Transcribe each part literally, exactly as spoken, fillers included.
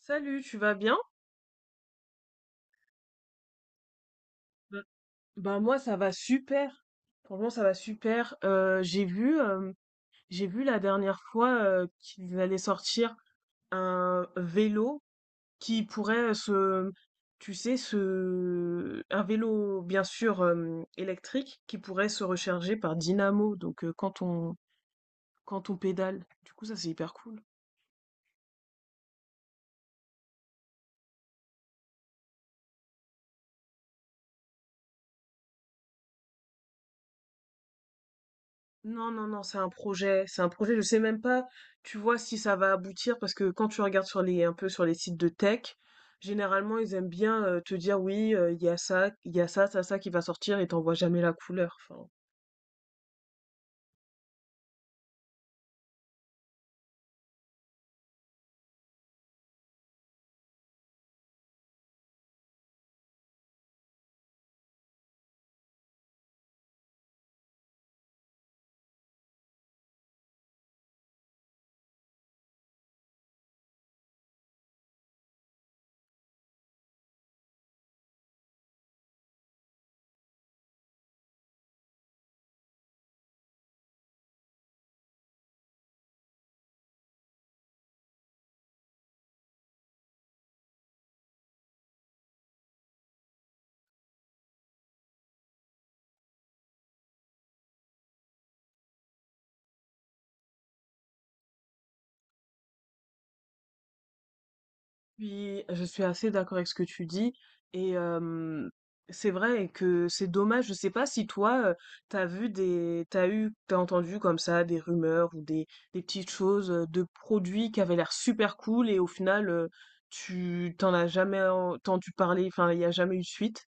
Salut, tu vas bien? Bah bah, Moi ça va super. Franchement ça va super. Euh, j'ai vu euh, j'ai vu la dernière fois euh, qu'ils allaient sortir un vélo qui pourrait se tu sais se un vélo bien sûr euh, électrique qui pourrait se recharger par dynamo donc euh, quand on quand on pédale. Du coup ça c'est hyper cool. Non, non, non, c'est un projet, c'est un projet. Je sais même pas, tu vois, si ça va aboutir parce que quand tu regardes sur les un peu sur les sites de tech, généralement ils aiment bien euh, te dire oui, euh, il y a ça, il y a ça, ça, ça qui va sortir et t'en vois jamais la couleur. Enfin, oui, je suis assez d'accord avec ce que tu dis et hem, c'est vrai que c'est dommage. Je sais pas si toi, heu, tu vu des t'as eu t'as entendu comme ça des rumeurs ou des des petites choses, heu, de produits qui avaient l'air super cool et au final, heu, tu t'en as jamais entendu parler, enfin, il y a jamais eu de suite?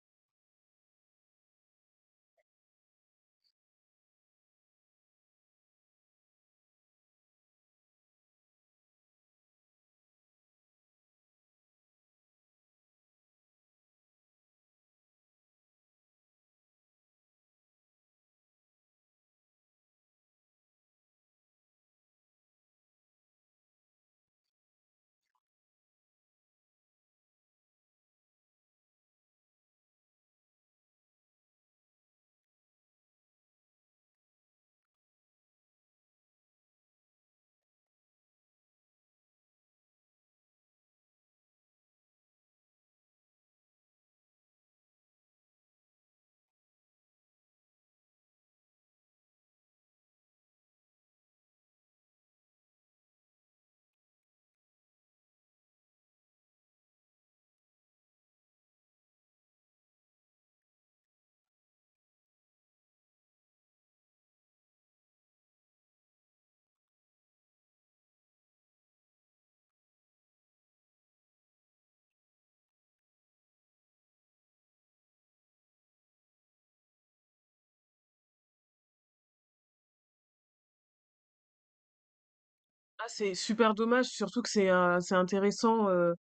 Ah, c'est super dommage, surtout que c'est euh, c'est intéressant euh,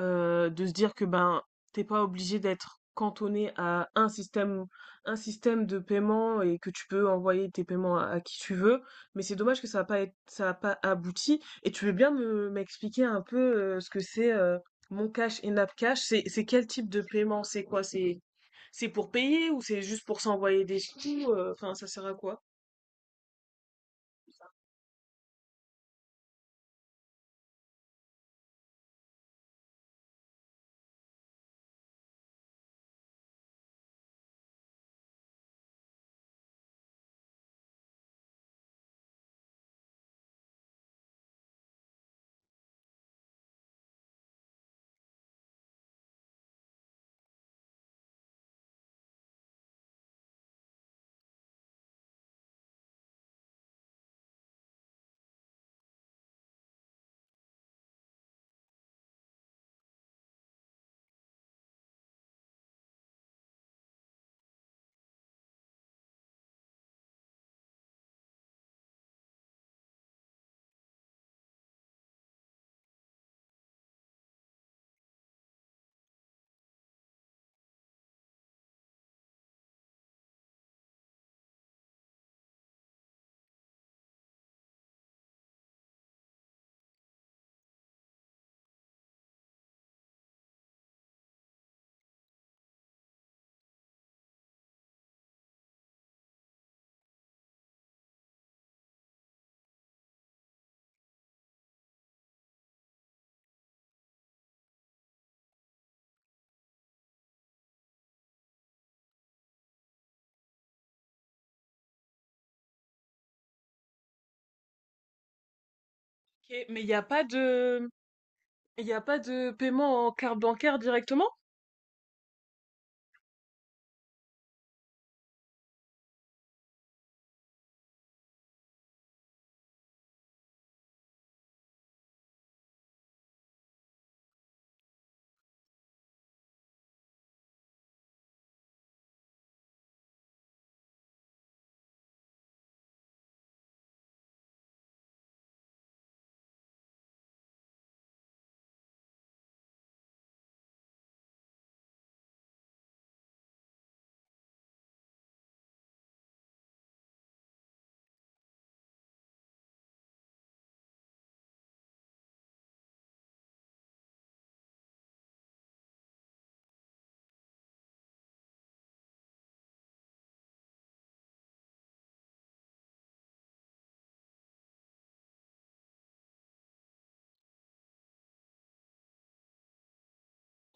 euh, de se dire que ben t'es pas obligé d'être cantonné à un système un système de paiement et que tu peux envoyer tes paiements à, à qui tu veux. Mais c'est dommage que ça n'a pas été- ça a pas abouti. Et tu veux bien me m'expliquer un peu euh, ce que c'est euh, Mon Cash et Napcash? C'est c'est quel type de paiement? C'est quoi? C'est c'est pour payer ou c'est juste pour s'envoyer des sous? Euh, Enfin, ça sert à quoi? Ok, mais il n'y a pas de il n'y a pas de paiement en carte bancaire directement?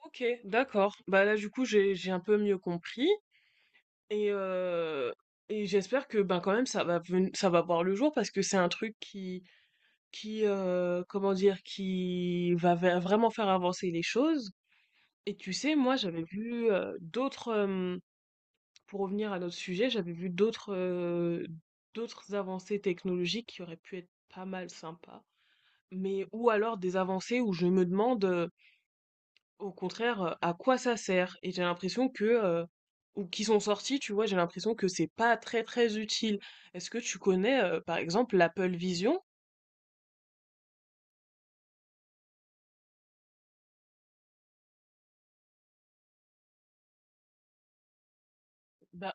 Ok, d'accord. Bah là, du coup, j'ai j'ai un peu mieux compris et euh, et j'espère que ben quand même ça va ven- ça va voir le jour parce que c'est un truc qui qui euh, comment dire qui va va- vraiment faire avancer les choses. Et tu sais, moi, j'avais vu euh, d'autres euh, pour revenir à notre sujet, j'avais vu d'autres euh, d'autres avancées technologiques qui auraient pu être pas mal sympas, mais ou alors des avancées où je me demande euh, au contraire euh, à quoi ça sert et j'ai l'impression que euh, ou qui sont sorties, tu vois, j'ai l'impression que c'est pas très très utile. Est-ce que tu connais euh, par exemple l'Apple Vision? Bah,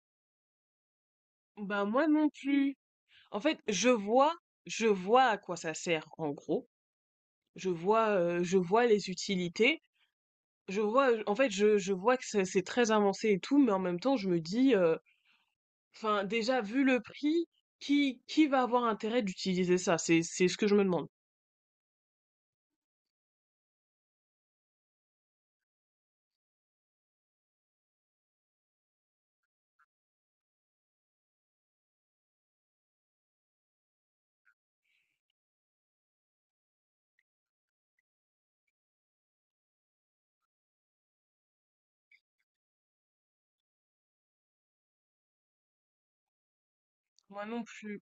bah moi non plus. En fait, je vois je vois à quoi ça sert en gros. Je vois euh, je vois les utilités. Je vois, en fait, je, je vois que c'est c'est très avancé et tout, mais en même temps, je me dis, euh, enfin, déjà, vu le prix, qui, qui va avoir intérêt d'utiliser ça? C'est, c'est ce que je me demande. Moi non plus.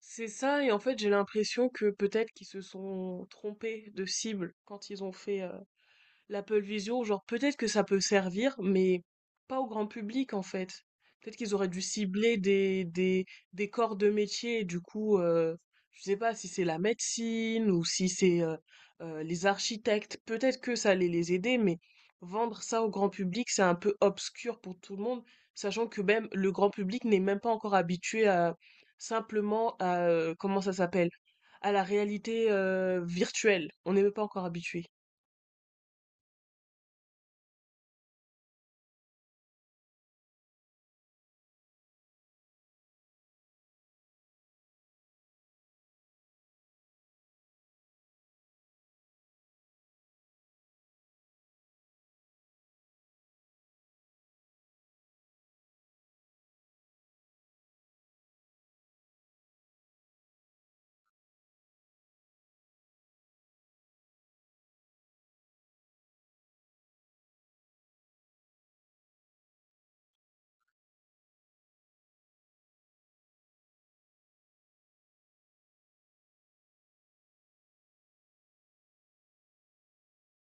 C'est ça, et en fait, j'ai l'impression que peut-être qu'ils se sont trompés de cible quand ils ont fait, euh, l'Apple Vision, genre peut-être que ça peut servir, mais pas au grand public en fait. Peut-être qu'ils auraient dû cibler des, des, des corps de métier, du coup, euh, je sais pas si c'est la médecine ou si c'est euh, euh, les architectes, peut-être que ça allait les aider, mais vendre ça au grand public, c'est un peu obscur pour tout le monde, sachant que même le grand public n'est même pas encore habitué à simplement à, euh, comment ça s'appelle, à la réalité euh, virtuelle. On n'est même pas encore habitué.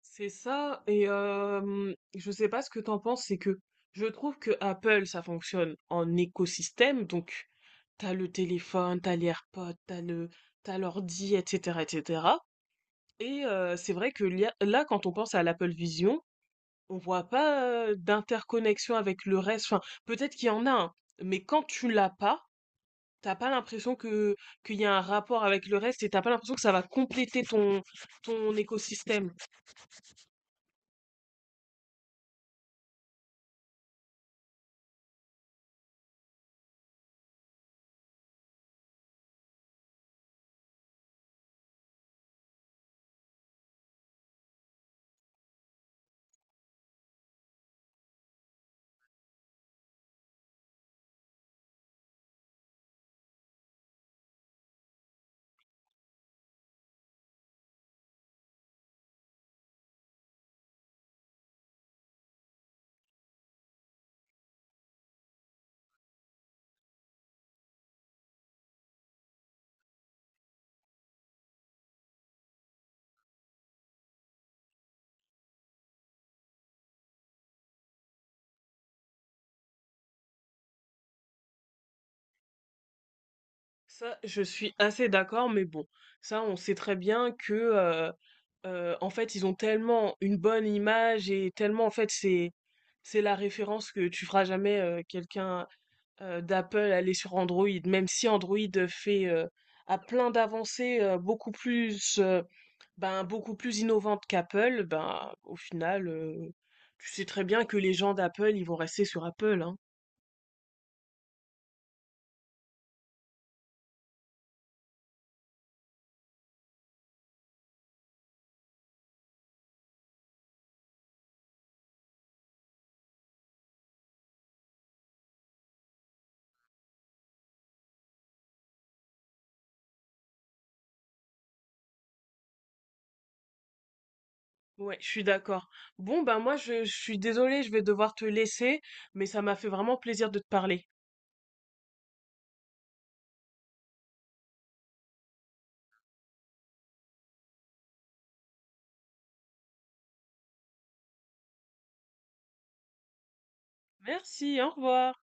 C'est ça, et euh, je sais pas ce que t'en penses, c'est que je trouve que Apple, ça fonctionne en écosystème, donc t'as le téléphone, t'as les AirPods, t'as le, t'as l'ordi, et cætera, et cætera. Et cetera. Et euh, c'est vrai que lia- là, quand on pense à l'Apple Vision, on voit pas euh, d'interconnexion avec le reste. Enfin, peut-être qu'il y en a un, mais quand tu l'as pas, t'as pas l'impression que qu'il y a un rapport avec le reste, et t'as pas l'impression que ça va compléter ton ton écosystème. Ça, je suis assez d'accord, mais bon, ça, on sait très bien que, euh, euh, en fait, ils ont tellement une bonne image et tellement, en fait, c'est, c'est la référence que tu feras jamais euh, quelqu'un euh, d'Apple aller sur Android, même si Android fait, euh, a plein d'avancées euh, beaucoup plus, euh, ben, beaucoup plus innovantes qu'Apple, ben, au final, euh, tu sais très bien que les gens d'Apple, ils vont rester sur Apple, hein. Ouais, je suis d'accord. Bon, bah moi, je, je suis désolée, je vais devoir te laisser, mais ça m'a fait vraiment plaisir de te parler. Merci, au revoir.